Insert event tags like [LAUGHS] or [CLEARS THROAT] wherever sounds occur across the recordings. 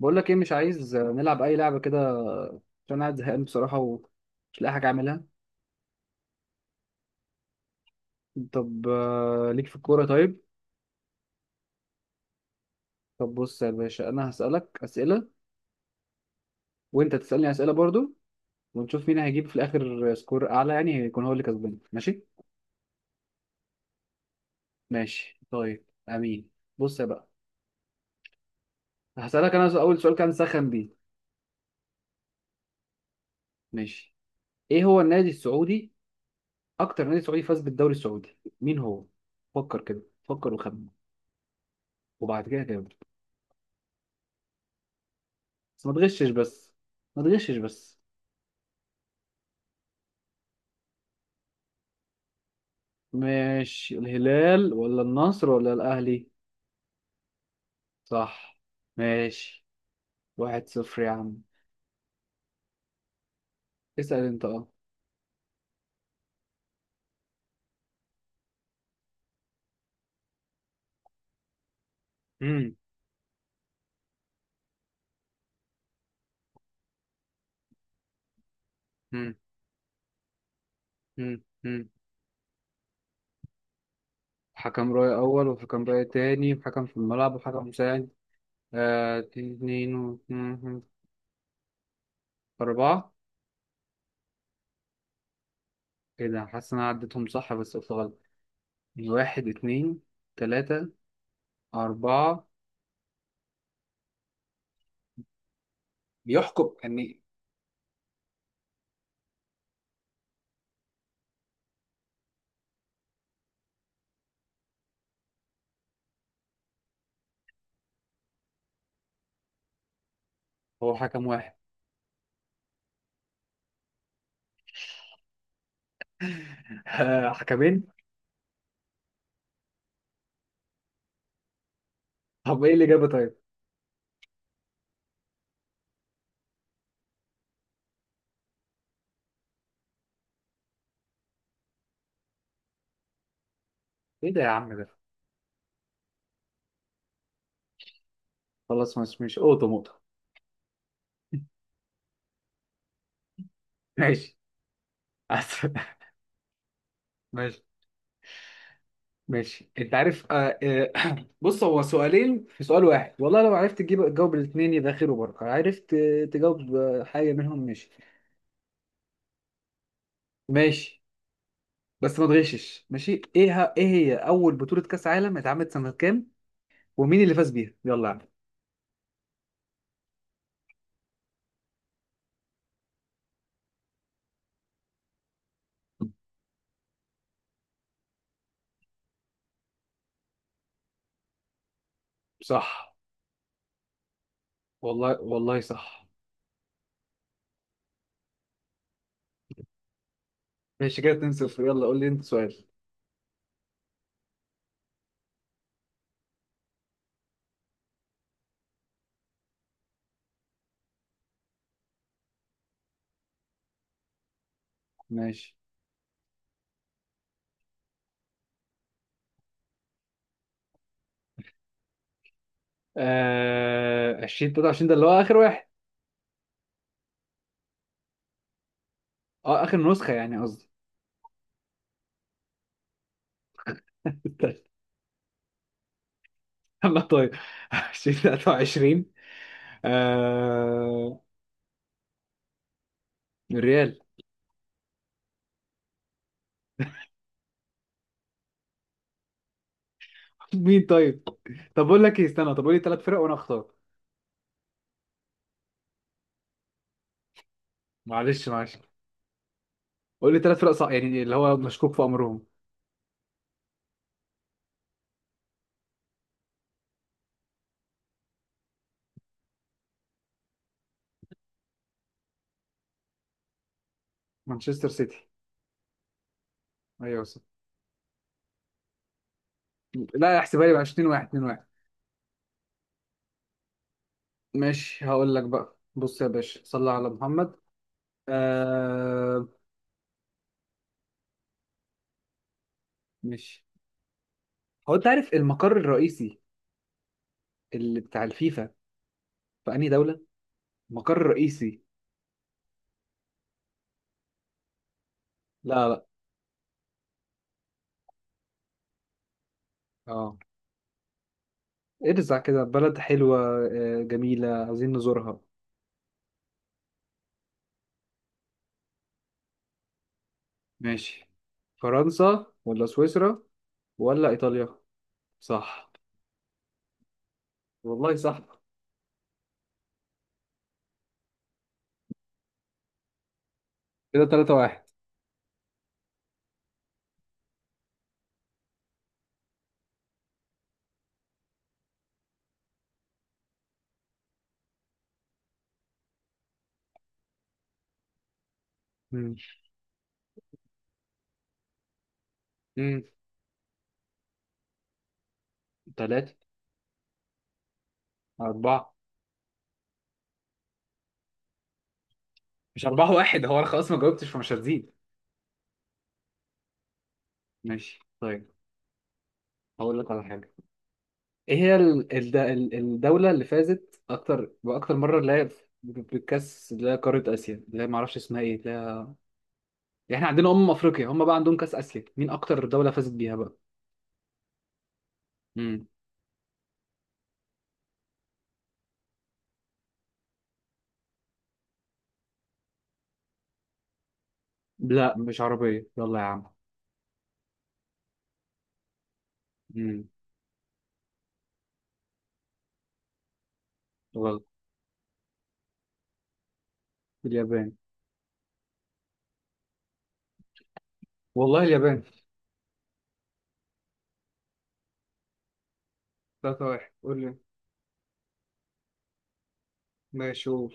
بقول لك ايه، مش عايز نلعب اي لعبه كده، عشان قاعد زهقان بصراحه ومش لاقي حاجه اعملها. طب ليك في الكوره؟ طيب. طب بص يا باشا، انا هسالك اسئله، وانت تسالني اسئله برضو، ونشوف مين هيجيب في الاخر سكور اعلى، يعني هيكون هو اللي كسبان. ماشي. ماشي طيب، امين. بص يا بقى، هسالك انا. اول سؤال كان سخن بيه. ماشي. ايه هو النادي السعودي، اكتر نادي سعودي فاز بالدوري السعودي؟ مين هو؟ فكر كده، فكر وخمن، وبعد كده كده. ما تغشش بس ما تغشش بس. ماشي، الهلال ولا النصر ولا الأهلي؟ صح. ماشي. واحد صفر يا عم. اسأل انت، اه. مم. مم. مم. مم. حكم رأي أول، وحكم رأي تاني، وحكم في الملعب، وحكم مساعد. آه، اتنين و أربعة. ايه ده؟ حاسس إن أنا عديتهم صح بس قلت غلط. واحد، اتنين، تلاتة، أربعة. بيحكم يعني. هو حكم واحد. [LAUGHS] حكمين. طب ايه الإجابة طيب؟ ايه ده يا عم ده؟ خلاص، مش أوضة موضة. [LAUGHS] ماشي. [LAUGHS] أحسن. ماشي. ماشي، انت عارف. [CLEARS THROAT] بص، هو سؤالين في سؤال واحد. والله لو عرفت تجيب تجاوب الاثنين يبقى خير وبركه. عرفت تجاوب حاجه منهم. ماشي. ماشي، بس ما تغشش. ماشي. ايه هي اول بطوله كاس عالم اتعملت سنه كام؟ ومين اللي فاز بيها؟ يلا يا عم. صح. والله والله صح. ماشي كده 2 0. يلا قول لي انت سؤال. ماشي. آه، 20 23، ده اللي هو اخر واحد. اه، اخر نسخه يعني قصدي. [LAUGHS] يلا طيب. [LAUGHS] 2023. آه... الريال. مين طيب؟ طب اقول لك ايه، استنى. طب قول لي ثلاث فرق وانا اختار. معلش، معلش. قول لي ثلاث فرق صح، يعني اللي هو مشكوك في امرهم. مانشستر سيتي. ايوه، صح. لا، احسبها لي بقى، 2 1، 2 1. ماشي. هقول لك بقى، بص يا باشا، صلى على محمد. آه... ماشي. هو انت عارف المقر الرئيسي اللي بتاع الفيفا في انهي دولة؟ المقر الرئيسي. لا لا. اه، ارزع كده بلد حلوة، جميلة، عايزين نزورها. ماشي. فرنسا ولا سويسرا ولا إيطاليا؟ صح. والله صح. كده 3 واحد. مم. مم. تلاتة. أربعة. مش أربعة واحد، هو أنا خلاص ما جاوبتش فمش هتزيد. ماشي طيب. هقول لك على حاجة. إيه هي الدولة اللي فازت أكتر بأكتر مرة اللي هي بالكأس اللي هي قارة آسيا، اللي هي معرفش اسمها إيه، اللي هي... يعني إحنا عندنا أمم أفريقيا، هم بقى عندهم كأس آسيا، مين أكتر دولة فازت بيها بقى؟ لا، مش عربية، يلا يا عم. امم غلط. اليابان. والله اليابان. 3 واحد، قول لي. ماشي، قول.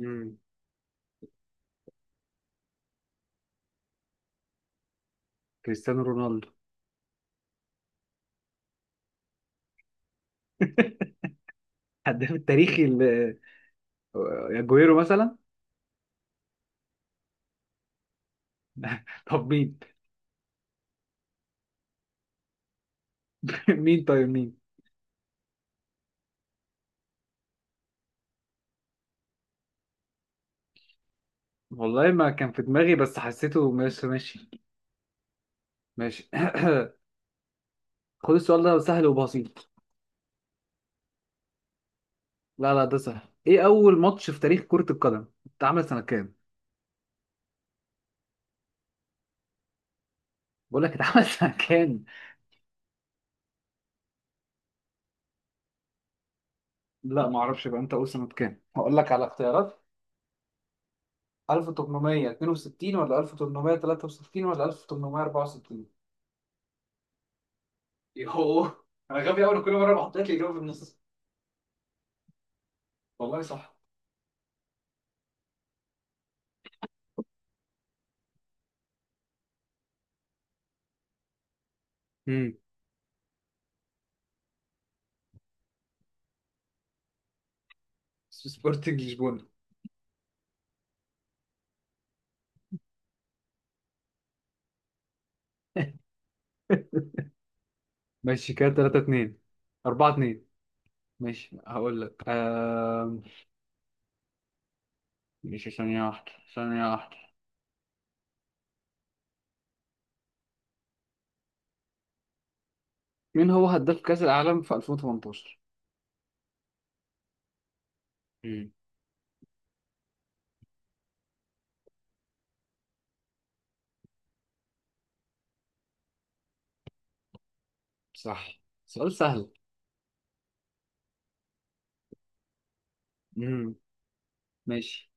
امم كريستيانو رونالدو. [LAUGHS] هداف التاريخي اجويرو مثلا. [LAUGHS] طب مين؟ [LAUGHS] مين طيب؟ مين؟ والله ما كان في دماغي بس حسيته. ماشي. ماشي ماشي. [COUGHS] [CLEARS THROAT] خد السؤال ده سهل وبسيط. لا لا، ده سهل. ايه اول ماتش في تاريخ كرة القدم اتعمل سنة كام؟ بقول لك اتعمل [LAUGHS] سنة كام. لا، ما اعرفش بقى. انت قول سنة كام، هقول لك على اختيارات. 1862 ولا 1863 ولا 1864؟ يوه. انا غبي قوي، كل مره بحط لك الاجابه في النص. والله صح. امم اسمه سبورتنج لشبونه. ماشي كده 3 2. 4 2. ماشي. هقول لك ماشي. ثانية واحدة، ثانية واحدة. مين هو هداف كأس العالم في 2018؟ امم صح. سؤال سهل. امم ماشي.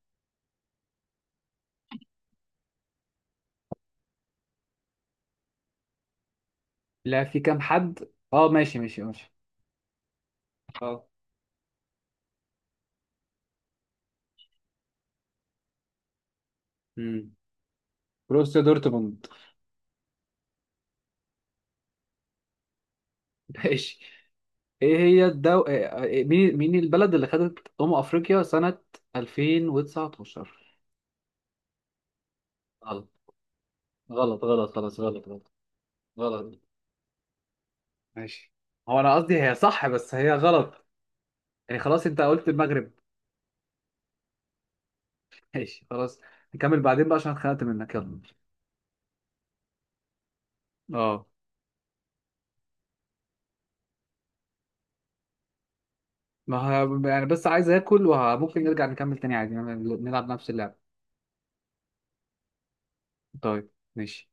لا، في كام حد. اه، ماشي ماشي ماشي. اه. امم بروسيا دورتموند. [LAUGHS] ماشي. ايه هي مين البلد اللي خدت أمم أفريقيا سنة 2019؟ غلط، غلط غلط. خلاص، غلط غلط غلط. ماشي. هو أنا قصدي هي صح بس هي غلط. يعني خلاص، أنت قلت المغرب. ماشي خلاص. نكمل بعدين بقى عشان اتخنقت منك. يلا. اه. ما ه... يعني بس عايز آكل، وممكن نرجع نكمل تاني عادي، يعني نلعب نفس اللعبة. طيب ماشي.